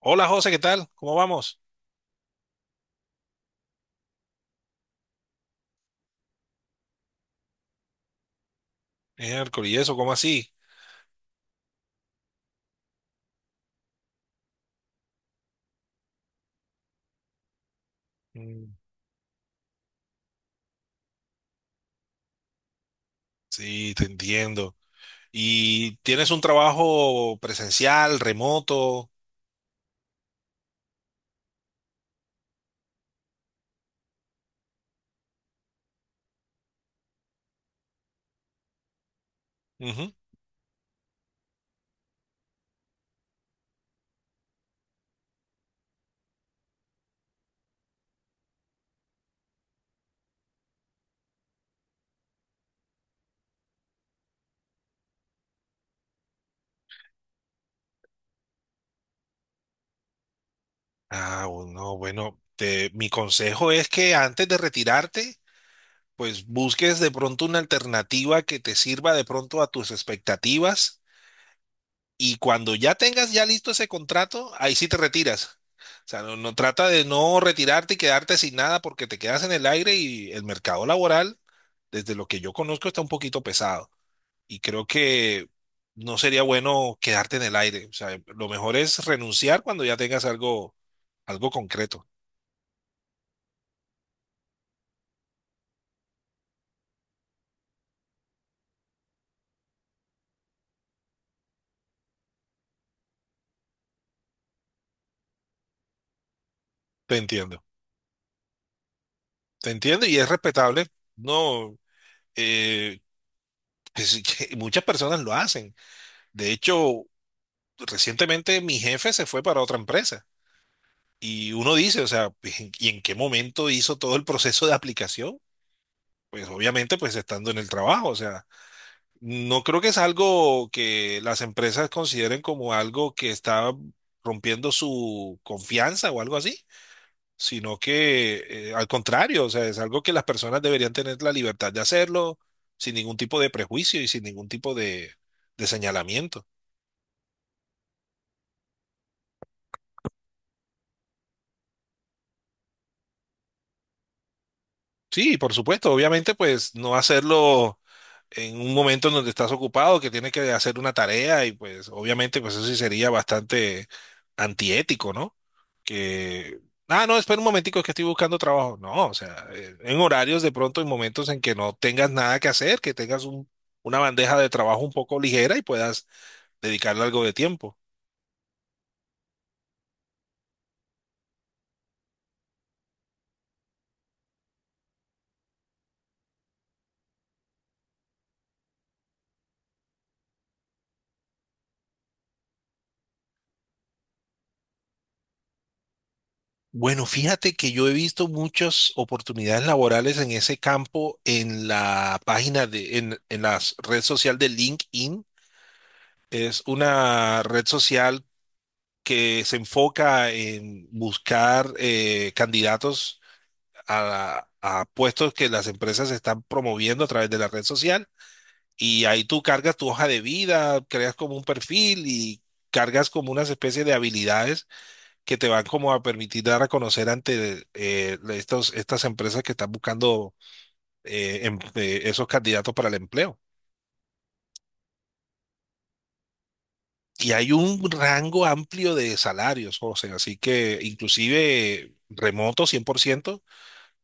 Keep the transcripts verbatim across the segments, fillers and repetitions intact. Hola José, ¿qué tal? ¿Cómo vamos? Miércoles, ¿y eso? ¿Cómo así? Mm, sí, te entiendo. ¿Y tienes un trabajo presencial, remoto? Ujú. Ah, bueno, bueno, te- mi consejo es que antes de retirarte, pues busques de pronto una alternativa que te sirva de pronto a tus expectativas. Y cuando ya tengas ya listo ese contrato, ahí sí te retiras. O sea, no, no trata de no retirarte y quedarte sin nada porque te quedas en el aire y el mercado laboral, desde lo que yo conozco, está un poquito pesado. Y creo que no sería bueno quedarte en el aire. O sea, lo mejor es renunciar cuando ya tengas algo, algo concreto. Te entiendo, te entiendo y es respetable. No, eh, pues, que muchas personas lo hacen. De hecho, recientemente mi jefe se fue para otra empresa y uno dice, o sea, ¿y en qué momento hizo todo el proceso de aplicación? Pues obviamente, pues estando en el trabajo, o sea, no creo que es algo que las empresas consideren como algo que está rompiendo su confianza o algo así, sino que eh, al contrario, o sea, es algo que las personas deberían tener la libertad de hacerlo sin ningún tipo de prejuicio y sin ningún tipo de, de señalamiento. Sí, por supuesto, obviamente, pues no hacerlo en un momento en donde estás ocupado, que tienes que hacer una tarea y pues obviamente pues eso sí sería bastante antiético, ¿no? Que, ah, no, espera un momentico, es que estoy buscando trabajo. No, o sea, eh, en horarios de pronto, en momentos en que no tengas nada que hacer, que tengas un- una bandeja de trabajo un poco ligera y puedas dedicarle algo de tiempo. Bueno, fíjate que yo he visto muchas oportunidades laborales en ese campo en la página de, en, en la red social de LinkedIn. Es una red social que se enfoca en buscar eh, candidatos a, a puestos que las empresas están promoviendo a través de la red social. Y ahí tú cargas tu hoja de vida, creas como un perfil y cargas como unas especies de habilidades que te van como a permitir dar a conocer ante eh, estos, estas empresas que están buscando eh, em- eh, esos candidatos para el empleo. Y hay un rango amplio de salarios, José, así que inclusive remoto cien por ciento,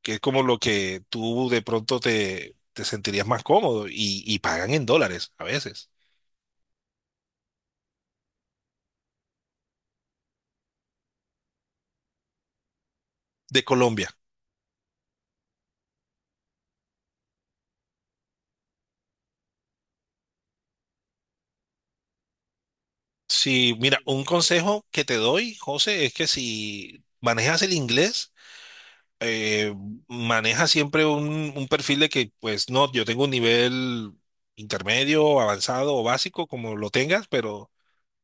que es como lo que tú de pronto te, te sentirías más cómodo, y, y pagan en dólares a veces, de Colombia. Sí, mira, un consejo que te doy, José, es que si manejas el inglés, eh, maneja siempre un, un perfil de que, pues no, yo tengo un nivel intermedio, avanzado o básico, como lo tengas, pero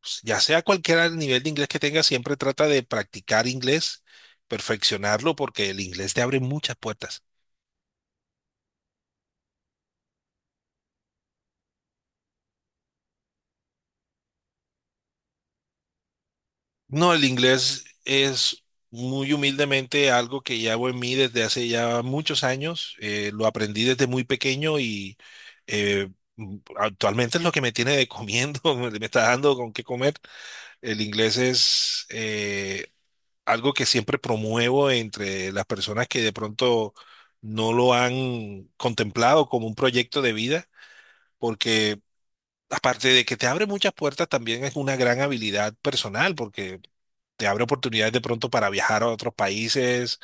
pues, ya sea cualquier nivel de inglés que tengas, siempre trata de practicar inglés, perfeccionarlo, porque el inglés te abre muchas puertas. No, el inglés es muy humildemente algo que llevo en mí desde hace ya muchos años. Eh, lo aprendí desde muy pequeño y eh, m- actualmente es lo que me tiene de comiendo, me me está dando con qué comer. El inglés es, eh, algo que siempre promuevo entre las personas que de pronto no lo han contemplado como un proyecto de vida, porque aparte de que te abre muchas puertas, también es una gran habilidad personal, porque te abre oportunidades de pronto para viajar a otros países,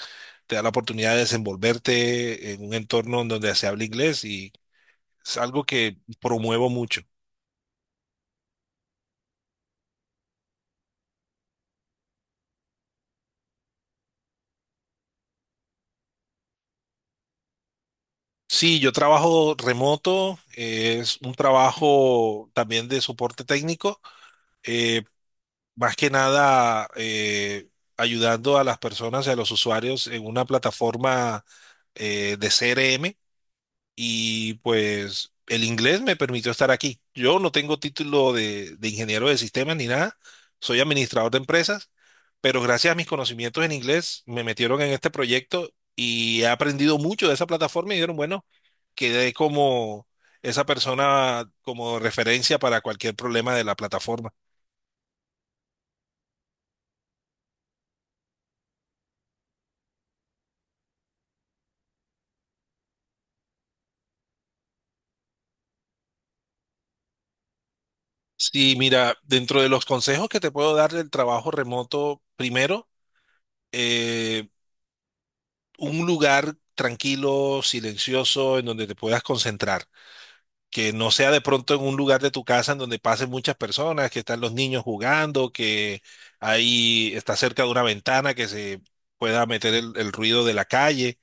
te da la oportunidad de desenvolverte en un entorno en donde se habla inglés y es algo que promuevo mucho. Sí, yo trabajo remoto, es un trabajo también de soporte técnico, eh, más que nada eh, ayudando a las personas y a los usuarios en una plataforma eh, de C R M, y pues el inglés me permitió estar aquí. Yo no tengo título de, de ingeniero de sistemas ni nada, soy administrador de empresas, pero gracias a mis conocimientos en inglés me metieron en este proyecto y he aprendido mucho de esa plataforma y dijeron, bueno, quedé como esa persona como referencia para cualquier problema de la plataforma. Sí, mira, dentro de los consejos que te puedo dar del trabajo remoto, primero, eh, un lugar tranquilo, silencioso, en donde te puedas concentrar. Que no sea de pronto en un lugar de tu casa en donde pasen muchas personas, que están los niños jugando, que ahí está cerca de una ventana que se pueda meter el, el ruido de la calle.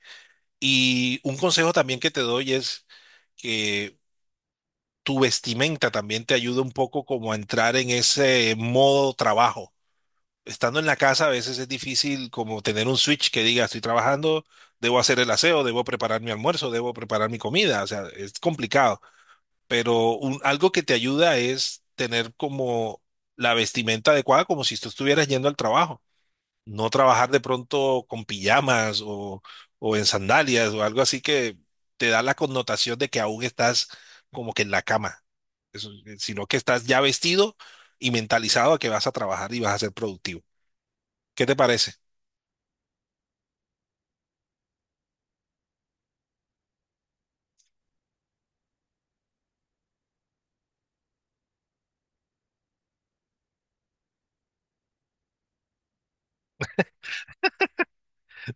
Y un consejo también que te doy es que tu vestimenta también te ayude un poco como a entrar en ese modo trabajo. Estando en la casa a veces es difícil como tener un switch que diga, estoy trabajando, debo hacer el aseo, debo preparar mi almuerzo, debo preparar mi comida, o sea, es complicado, pero un- algo que te ayuda es tener como la vestimenta adecuada, como si tú estuvieras yendo al trabajo, no trabajar de pronto con pijamas o, o en sandalias o algo así que te da la connotación de que aún estás como que en la cama, eso- sino que estás ya vestido y mentalizado a que vas a trabajar y vas a ser productivo. ¿Qué te parece?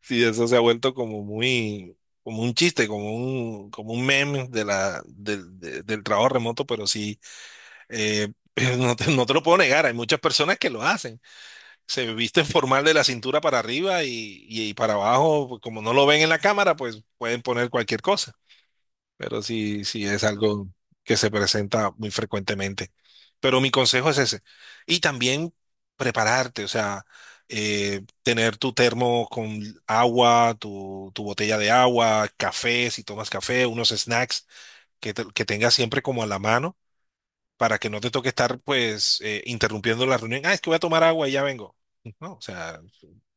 Sí, eso se ha vuelto como muy, como un chiste, como un, como un meme de la, del, de- del trabajo remoto, pero sí, eh, no te, no te lo puedo negar, hay muchas personas que lo hacen. Se visten formal de la cintura para arriba y, y, y para abajo, pues, como no lo ven en la cámara, pues pueden poner cualquier cosa, pero sí, sí es algo que se presenta muy frecuentemente. Pero mi consejo es ese. Y también prepararte, o sea, eh, tener tu termo con agua, tu, tu botella de agua, café, si tomas café, unos snacks que, te- que tengas siempre como a la mano para que no te toque estar pues eh, interrumpiendo la reunión. Ah, es que voy a tomar agua y ya vengo. No, o sea,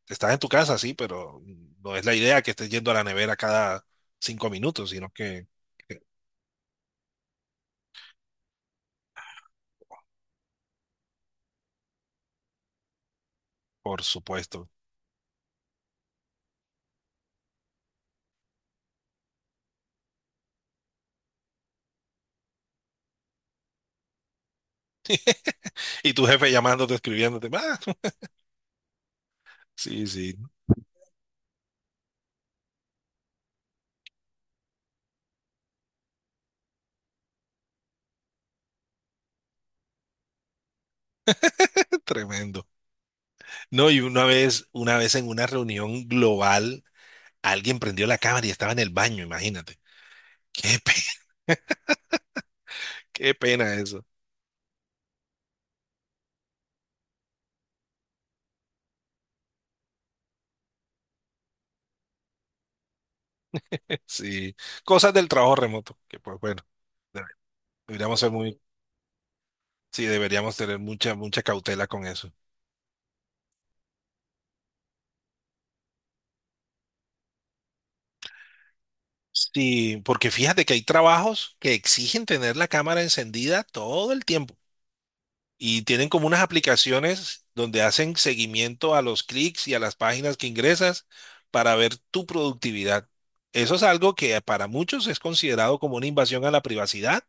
estás en tu casa, sí, pero no es la idea que estés yendo a la nevera cada cinco minutos, sino que... Por supuesto. Y tu jefe llamándote, escribiéndote. Ah, sí, sí, tremendo. No, y una vez, una vez en una reunión global, alguien prendió la cámara y estaba en el baño, imagínate. Qué pena, qué pena eso. Sí, cosas del trabajo remoto, que pues bueno, debe- deberíamos ser muy, sí, deberíamos tener mucha, mucha cautela con eso. Sí, porque fíjate que hay trabajos que exigen tener la cámara encendida todo el tiempo, y tienen como unas aplicaciones donde hacen seguimiento a los clics y a las páginas que ingresas para ver tu productividad. Eso es algo que para muchos es considerado como una invasión a la privacidad.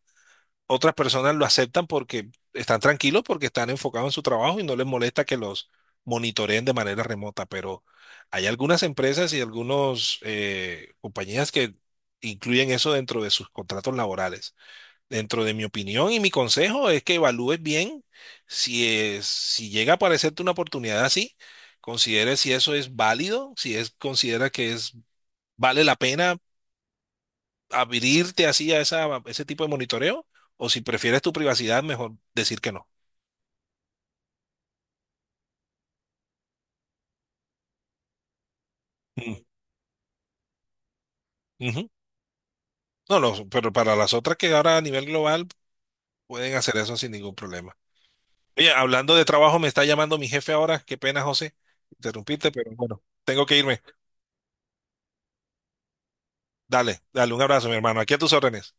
Otras personas lo aceptan porque están tranquilos, porque están enfocados en su trabajo y no les molesta que los monitoreen de manera remota. Pero hay algunas empresas y algunas eh, compañías que incluyen eso dentro de sus contratos laborales. Dentro de mi opinión y mi consejo es que evalúes bien si es- si llega a aparecerte una oportunidad así, considere si eso es válido, si es considera que es vale la pena abrirte así a esa, a ese tipo de monitoreo, o si prefieres tu privacidad, mejor decir que no. Mm, ujú. No, no, pero para las otras que ahora a nivel global pueden hacer eso sin ningún problema. Oye, hablando de trabajo, me está llamando mi jefe ahora. Qué pena, José, interrumpirte, pero bueno, tengo que irme. Dale, dale, un abrazo, mi hermano. Aquí a tus órdenes.